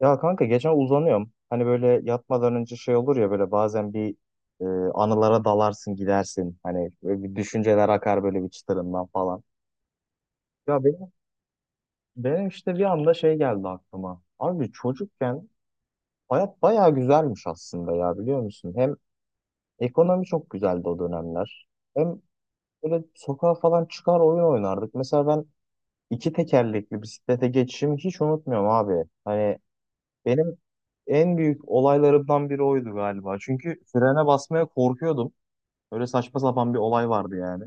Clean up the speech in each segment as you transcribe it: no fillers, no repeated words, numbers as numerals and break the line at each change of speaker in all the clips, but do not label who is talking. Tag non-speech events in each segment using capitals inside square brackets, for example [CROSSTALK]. Ya kanka geçen uzanıyorum. Hani böyle yatmadan önce şey olur ya böyle bazen e, anılara dalarsın gidersin. Hani böyle bir düşünceler akar böyle bir çıtırından falan. Ya benim, benim işte bir anda şey geldi aklıma. Abi çocukken hayat bayağı güzelmiş aslında ya biliyor musun? Hem ekonomi çok güzeldi o dönemler. Hem böyle sokağa falan çıkar oyun oynardık. Mesela ben iki tekerlekli bisiklete geçişimi hiç unutmuyorum abi. Hani benim en büyük olaylarımdan biri oydu galiba. Çünkü frene basmaya korkuyordum. Öyle saçma sapan bir olay vardı yani.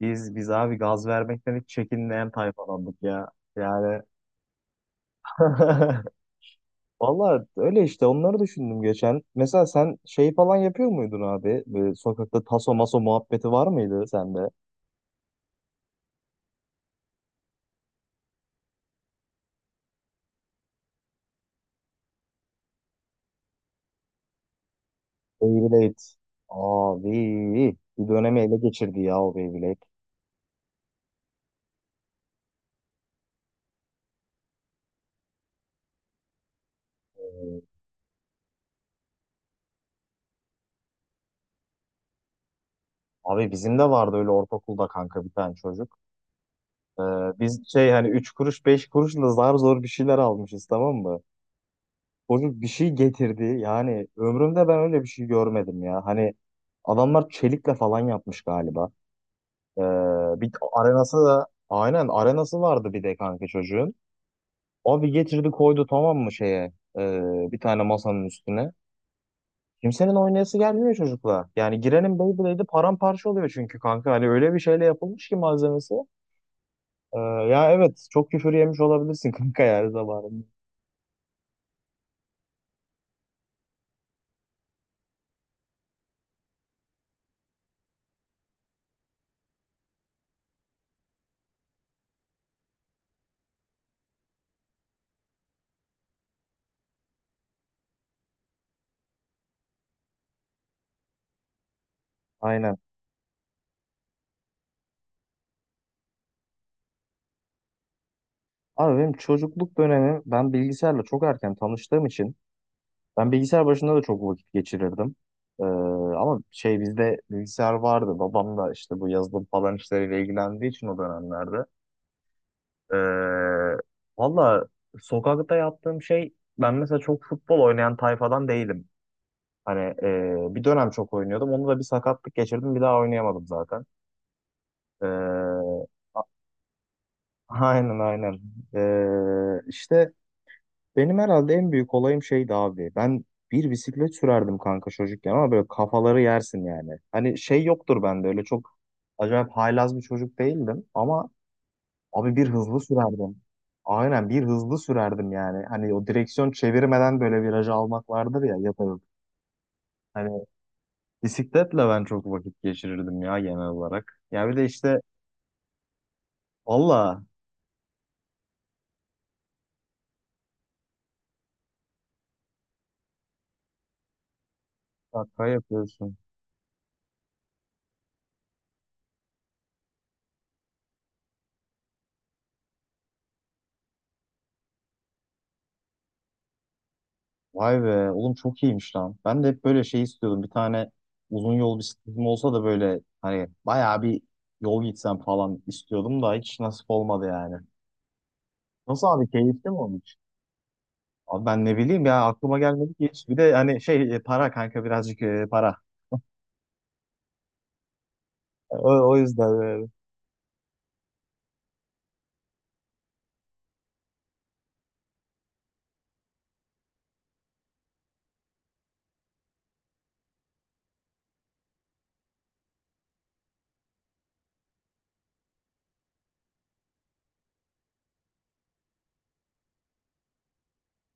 Biz abi gaz vermekten hiç çekinmeyen tayfalandık ya. Yani [LAUGHS] valla öyle işte onları düşündüm geçen. Mesela sen şey falan yapıyor muydun abi? Böyle sokakta taso maso muhabbeti var mıydı sende? Beyblade. Abi bir dönemi ele geçirdi ya o Beyblade. Abi bizim de vardı öyle ortaokulda kanka bir tane çocuk. Ee, Biz şey hani 3 kuruş 5 kuruşla zar zor bir şeyler almışız, tamam mı? Çocuk bir şey getirdi. Yani ömrümde ben öyle bir şey görmedim ya. Hani adamlar çelikle falan yapmış galiba. Ee, Bir arenası da aynen arenası vardı bir de kanka çocuğun. Abi getirdi koydu tamam mı şeye, bir tane masanın üstüne. Kimsenin oynayası gelmiyor çocukla. Yani girenin Beyblade'i paramparça oluyor çünkü kanka. Hani öyle bir şeyle yapılmış ki malzemesi. Ya evet, çok küfür yemiş olabilirsin [LAUGHS] kanka yani zamanında. Aynen. Abi benim çocukluk dönemi, ben bilgisayarla çok erken tanıştığım için ben bilgisayar başında da çok vakit geçirirdim. Ee, Ama şey, bizde bilgisayar vardı. Babam da işte bu yazılım falan işleriyle ilgilendiği için o dönemlerde. Ee, Valla sokakta yaptığım şey, ben mesela çok futbol oynayan tayfadan değilim. Hani bir dönem çok oynuyordum. Onu da bir sakatlık geçirdim. Bir daha oynayamadım zaten. Ee, [LAUGHS] aynen aynen. İşte benim herhalde en büyük olayım şeydi abi. Ben bir bisiklet sürerdim kanka çocukken ama böyle kafaları yersin yani. Hani şey yoktur bende, öyle çok acayip haylaz bir çocuk değildim ama abi bir hızlı sürerdim. Aynen, bir hızlı sürerdim yani. Hani o direksiyon çevirmeden böyle virajı almak vardır ya, yaparım. Hani bisikletle ben çok vakit geçirirdim ya genel olarak. Ya bir de işte valla şaka yapıyorsun. Vay be oğlum, çok iyiymiş lan. Ben de hep böyle şey istiyordum. Bir tane uzun yol bisikletim olsa da böyle hani bayağı bir yol gitsem falan istiyordum da hiç nasip olmadı yani. Nasıl abi, keyifli mi olmuş? Abi ben ne bileyim ya, aklıma gelmedi ki hiç. Bir de hani şey, para kanka, birazcık para. O yüzden böyle.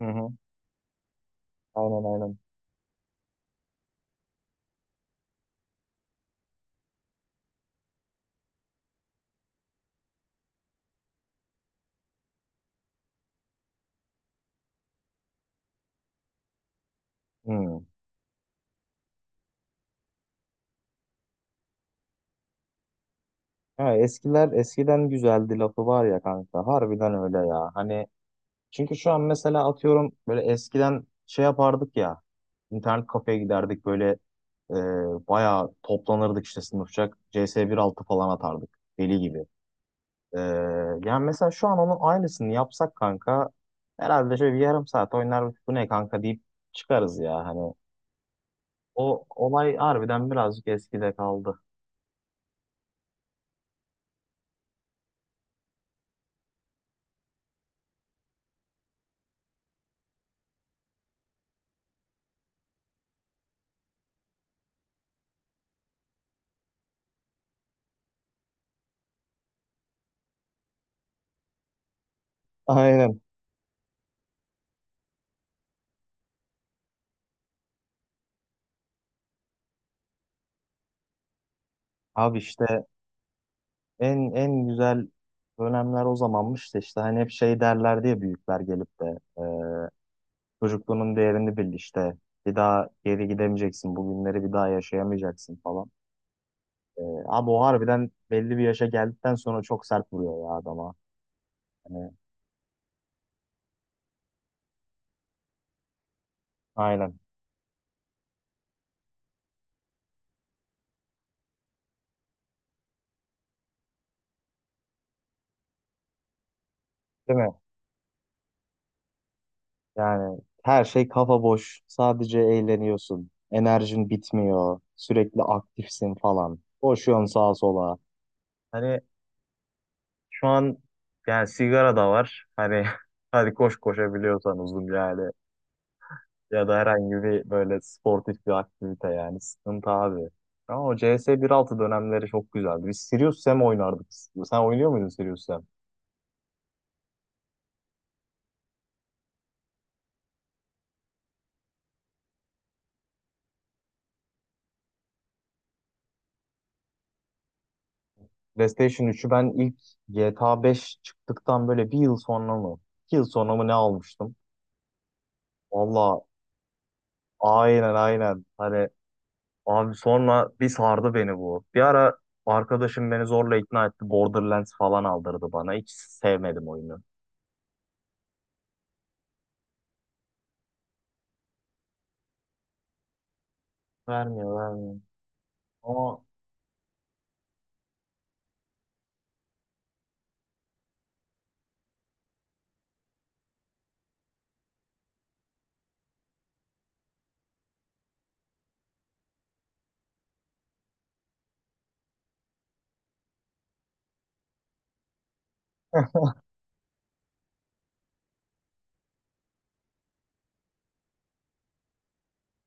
Hı hı. Aynen aynen. Hı. Ya eskiler eskiden güzeldi lafı var ya kanka. Harbiden öyle ya. Hani çünkü şu an mesela atıyorum böyle eskiden şey yapardık ya, internet kafeye giderdik böyle, e, bayağı toplanırdık işte sınıfçak CS 1.6 falan atardık deli gibi. E, Yani mesela şu an onun aynısını yapsak kanka, herhalde şöyle bir yarım saat oynar, bu ne kanka deyip çıkarız ya. Hani o olay harbiden birazcık eskide kaldı. Aynen. Abi işte en güzel dönemler o zamanmış da işte hani hep şey derler diye büyükler gelip de çocukluğunun değerini bil işte. Bir daha geri gidemeyeceksin. Bugünleri bir daha yaşayamayacaksın falan. Abi o harbiden belli bir yaşa geldikten sonra çok sert vuruyor ya adama. Hani, aynen. Değil mi? Yani her şey kafa boş. Sadece eğleniyorsun. Enerjin bitmiyor. Sürekli aktifsin falan. Koşuyorsun sağa sola. Hani şu an yani sigara da var. Hani [LAUGHS] hadi koş koşabiliyorsan uzun yani. Ya da herhangi bir böyle sportif bir aktivite, yani sıkıntı abi. Ama o C S bir altı dönemleri çok güzeldi. Biz Serious Sam oynardık. Sen oynuyor muydun Serious Sam? PlayStation 3'ü ben ilk GTA 5 çıktıktan böyle bir yıl sonra mı, İki yıl sonra mı ne almıştım? Valla aynen aynen. Hani abi sonra bir sardı beni bu. Bir ara arkadaşım beni zorla ikna etti, Borderlands falan aldırdı bana. Hiç sevmedim oyunu. Vermiyor, vermiyor. Ama [LAUGHS]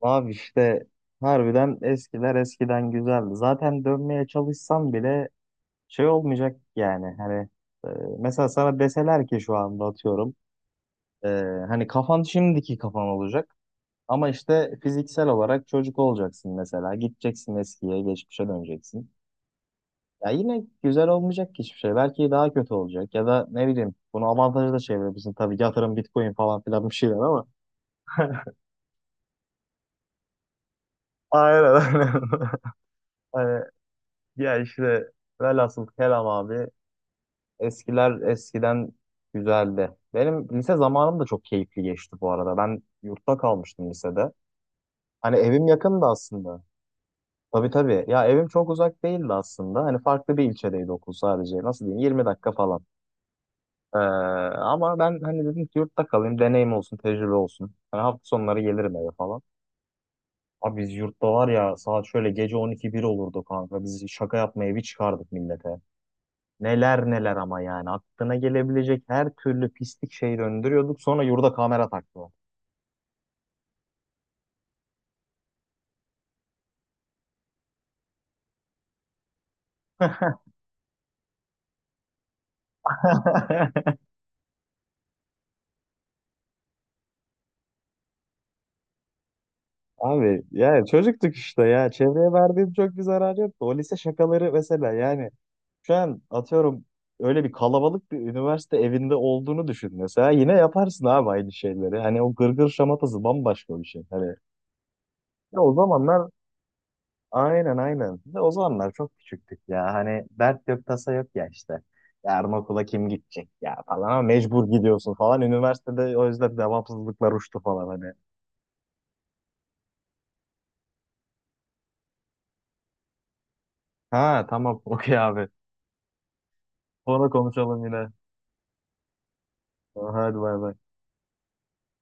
abi işte harbiden eskiler eskiden güzeldi. Zaten dönmeye çalışsam bile şey olmayacak yani. Hani e, mesela sana deseler ki şu anda atıyorum, e, hani kafan şimdiki kafan olacak. Ama işte fiziksel olarak çocuk olacaksın mesela. Gideceksin eskiye, geçmişe döneceksin. Ya yine güzel olmayacak ki hiçbir şey. Belki daha kötü olacak. Ya da ne bileyim, bunu avantajı da çevirebilirsin. Tabii yatırım, Bitcoin falan filan bir şeyler ama. Aynen. [LAUGHS] Hani ya işte velhasıl kelam abi, eskiler eskiden güzeldi. Benim lise zamanım da çok keyifli geçti bu arada. Ben yurtta kalmıştım lisede. Hani evim yakındı aslında. Tabii tabii. Ya evim çok uzak değildi aslında. Hani farklı bir ilçedeydi okul sadece. Nasıl diyeyim? 20 dakika falan. Ee, Ama ben hani dedim ki yurtta kalayım. Deneyim olsun, tecrübe olsun. Hani hafta sonları gelirim eve falan. Abi biz yurtta var ya, saat şöyle gece 12-1 olurdu kanka. Biz şaka yapmaya bir çıkardık millete. Neler neler, ama yani aklına gelebilecek her türlü pislik şeyi döndürüyorduk. Sonra yurda kamera taktılar. [LAUGHS] Abi yani çocuktuk işte ya. Çevreye verdiğim çok bir zarar yoktu. O lise şakaları mesela yani şu an atıyorum, öyle bir kalabalık bir üniversite evinde olduğunu düşün mesela. Yine yaparsın abi aynı şeyleri. Hani o gırgır şamatası bambaşka bir şey. Hani ya o zamanlar aynen aynen. Ve o zamanlar çok küçüktük ya. Hani dert yok, tasa yok ya işte. Yarın okula kim gidecek ya falan, ama mecbur gidiyorsun falan. Üniversitede o yüzden devamsızlıklar uçtu falan hani. Ha tamam, [LAUGHS] okey abi. Sonra konuşalım yine. Tamam, hadi bay bay.